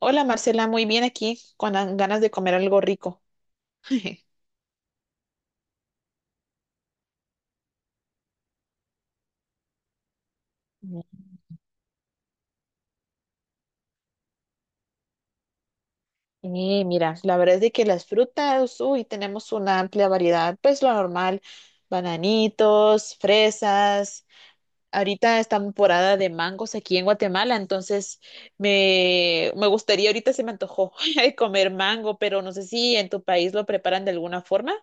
Hola Marcela, muy bien aquí, con las ganas de comer algo rico. Y mira, la verdad es de que las frutas, uy, tenemos una amplia variedad, pues lo normal, bananitos, fresas. Ahorita está temporada de mangos aquí en Guatemala, entonces me gustaría, ahorita se me antojó comer mango, pero no sé si en tu país lo preparan de alguna forma.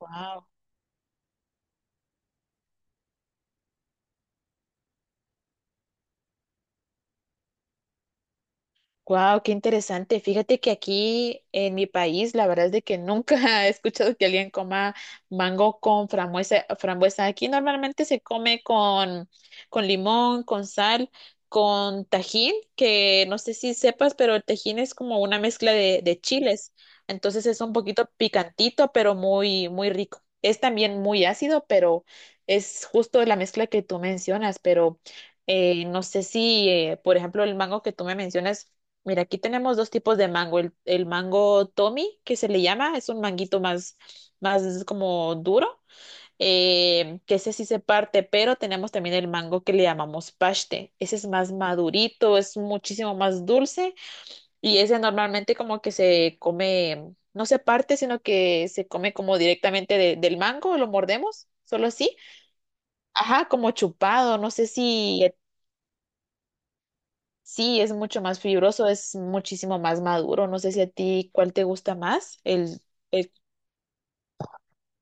Wow. Wow, qué interesante. Fíjate que aquí en mi país, la verdad es de que nunca he escuchado que alguien coma mango con frambuesa. Aquí normalmente se come con limón, con sal, con tajín, que no sé si sepas, pero el tajín es como una mezcla de chiles. Entonces es un poquito picantito, pero muy, muy rico. Es también muy ácido, pero es justo la mezcla que tú mencionas, pero no sé si, por ejemplo, el mango que tú me mencionas. Mira, aquí tenemos dos tipos de mango. El mango Tommy, que se le llama, es un manguito más, más como duro, que ese sí se parte, pero tenemos también el mango que le llamamos paste. Ese es más madurito, es muchísimo más dulce y ese normalmente como que se come, no se parte, sino que se come como directamente de- del mango, lo mordemos, solo así. Ajá, como chupado. No sé si sí, es mucho más fibroso, es muchísimo más maduro. No sé si a ti cuál te gusta más, el, el,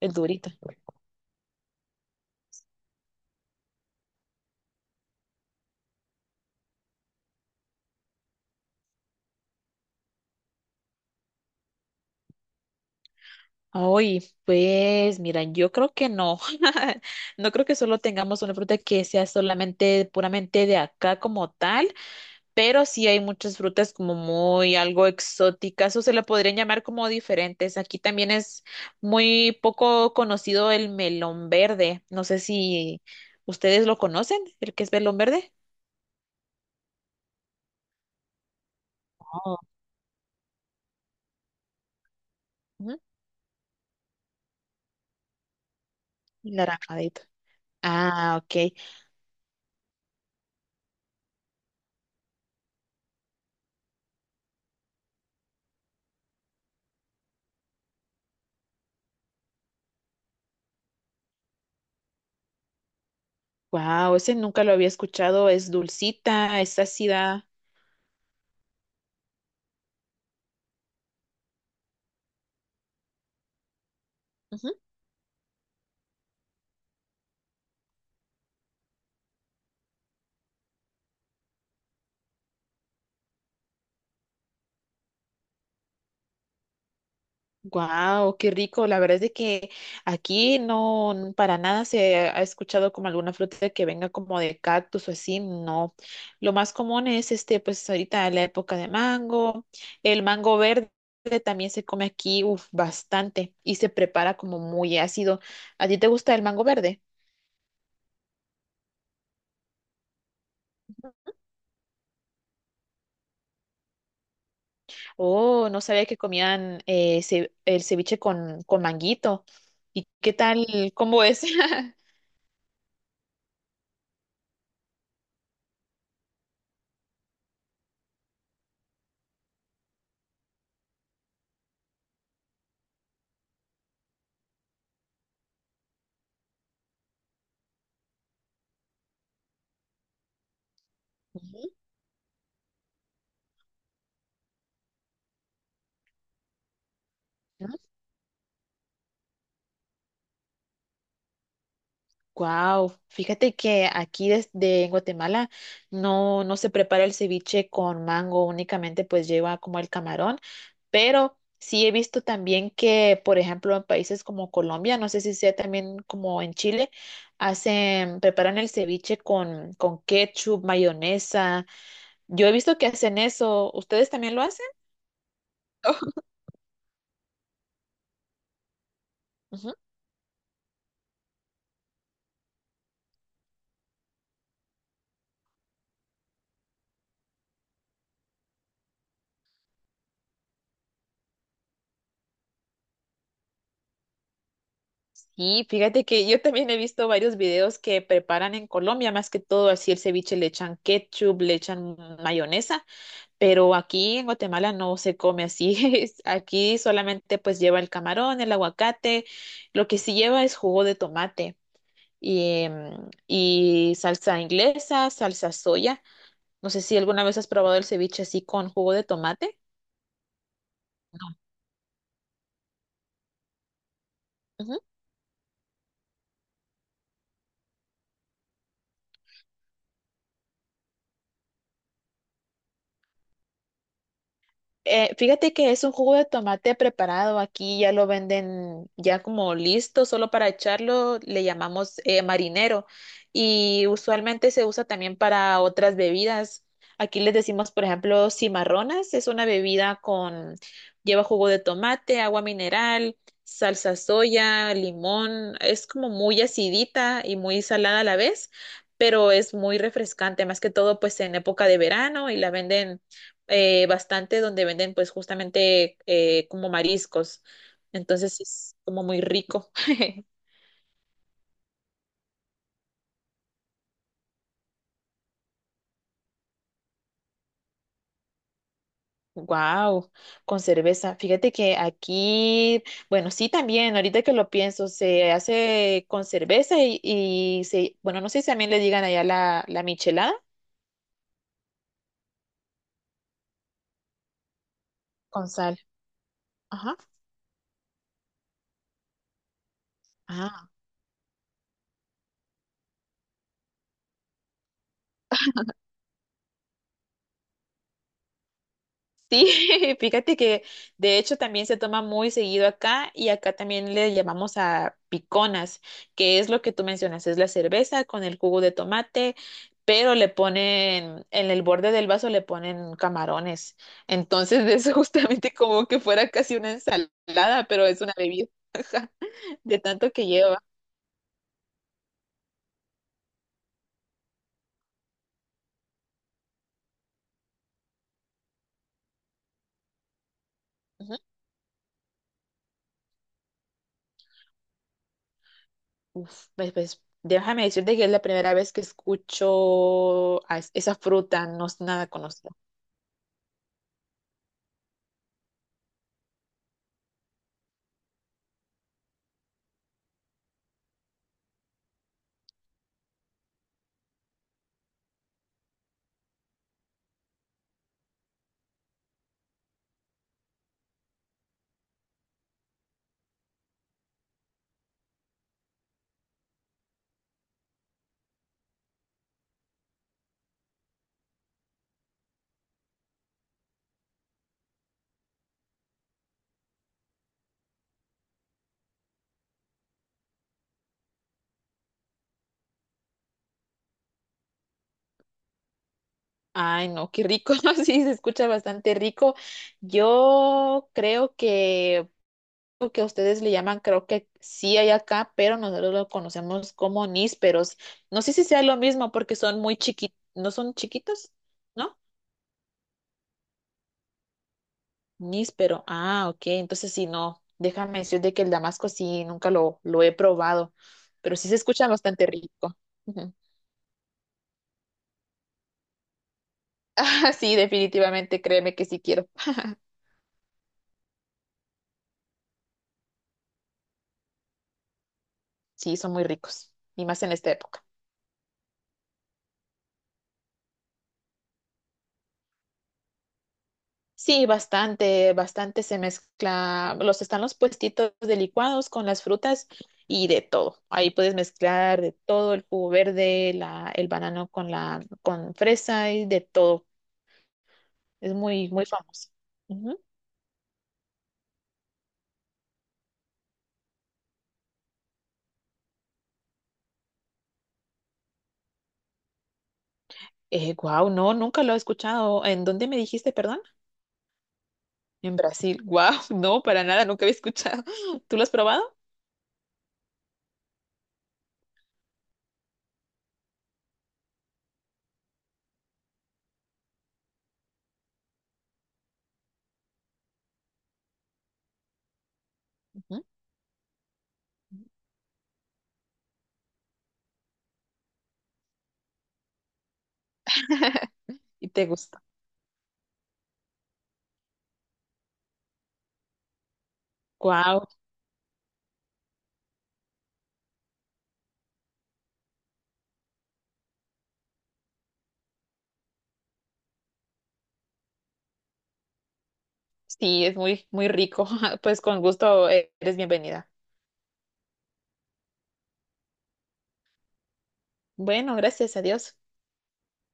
el durito. Ay, pues mira, yo creo que no. No creo que solo tengamos una fruta que sea solamente puramente de acá como tal, pero sí hay muchas frutas como muy algo exóticas o se le podrían llamar como diferentes. Aquí también es muy poco conocido el melón verde. No sé si ustedes lo conocen, el que es melón verde. Oh. Naranjadito. Ah, ok. Wow, ese nunca lo había escuchado. Es dulcita, es ácida. Wow, qué rico. La verdad es de que aquí no n- para nada se ha escuchado como alguna fruta que venga como de cactus o así. No. Lo más común es este, pues ahorita la época de mango. El mango verde también se come aquí, uf, bastante y se prepara como muy ácido. ¿A ti te gusta el mango verde? Oh, no sabía que comían ce- el ceviche con manguito. ¿Y qué tal? ¿Cómo es? Ujú. Wow, fíjate que aquí desde en Guatemala no, no se prepara el ceviche con mango, únicamente pues lleva como el camarón, pero sí he visto también que, por ejemplo, en países como Colombia, no sé si sea también como en Chile, hacen, preparan el ceviche con ketchup, mayonesa. Yo he visto que hacen eso. ¿Ustedes también lo hacen? Ujú. Sí, fíjate que yo también he visto varios videos que preparan en Colombia, más que todo así el ceviche le echan ketchup, le echan mayonesa, pero aquí en Guatemala no se come así. Es- aquí solamente pues lleva el camarón, el aguacate, lo que sí lleva es jugo de tomate y, y salsa inglesa, salsa soya. No sé si alguna vez has probado el ceviche así con jugo de tomate. No. Fíjate que es un jugo de tomate preparado aquí, ya lo venden ya como listo, solo para echarlo, le llamamos marinero y usualmente se usa también para otras bebidas. Aquí les decimos, por ejemplo, cimarronas, es una bebida con, lleva jugo de tomate, agua mineral, salsa soya, limón, es como muy acidita y muy salada a la vez, pero es muy refrescante, más que todo pues en época de verano y la venden bastante donde venden pues justamente como mariscos. Entonces es como muy rico. Wow, con cerveza. Fíjate que aquí, bueno, sí también, ahorita que lo pienso, se hace con cerveza y se, bueno, no sé si también le digan allá la, la michelada con sal. Ajá. Sí, fíjate que de hecho también se toma muy seguido acá y acá también le llamamos a piconas, que es lo que tú mencionas, es la cerveza con el jugo de tomate, pero le ponen, en el borde del vaso le ponen camarones. Entonces es justamente como que fuera casi una ensalada, pero es una bebida ajá, de tanto que lleva. Ujú. Uf, pues, pues, déjame decirte que es la primera vez que escucho a es- esa fruta, no es nada conocida. Ay, no, qué rico, no sí, se escucha bastante rico. Yo creo que lo que ustedes le llaman, creo que sí hay acá, pero nosotros lo conocemos como nísperos. No sé si sea lo mismo porque son muy chiquitos, no son chiquitos, ¿no? Níspero, ah, ok, entonces sí, no, déjame decirte que el damasco sí, nunca lo, lo he probado, pero sí se escucha bastante rico. Ujú. Ah, sí, definitivamente, créeme que sí quiero. Sí, son muy ricos, y más en esta época. Sí, bastante, bastante se mezcla. Los están los puestitos de licuados con las frutas y de todo. Ahí puedes mezclar de todo, el jugo verde, la, el banano con la, con fresa y de todo. Es muy, muy famoso. Ujú. Guau, no, nunca lo he escuchado. ¿En dónde me dijiste, perdón? En Brasil. Guau, no, para nada, nunca había escuchado. ¿Tú lo has probado? Ujú. ¿Y te gusta? Guau, sí, es muy, muy rico. Pues con gusto eres bienvenida. Bueno, gracias, adiós.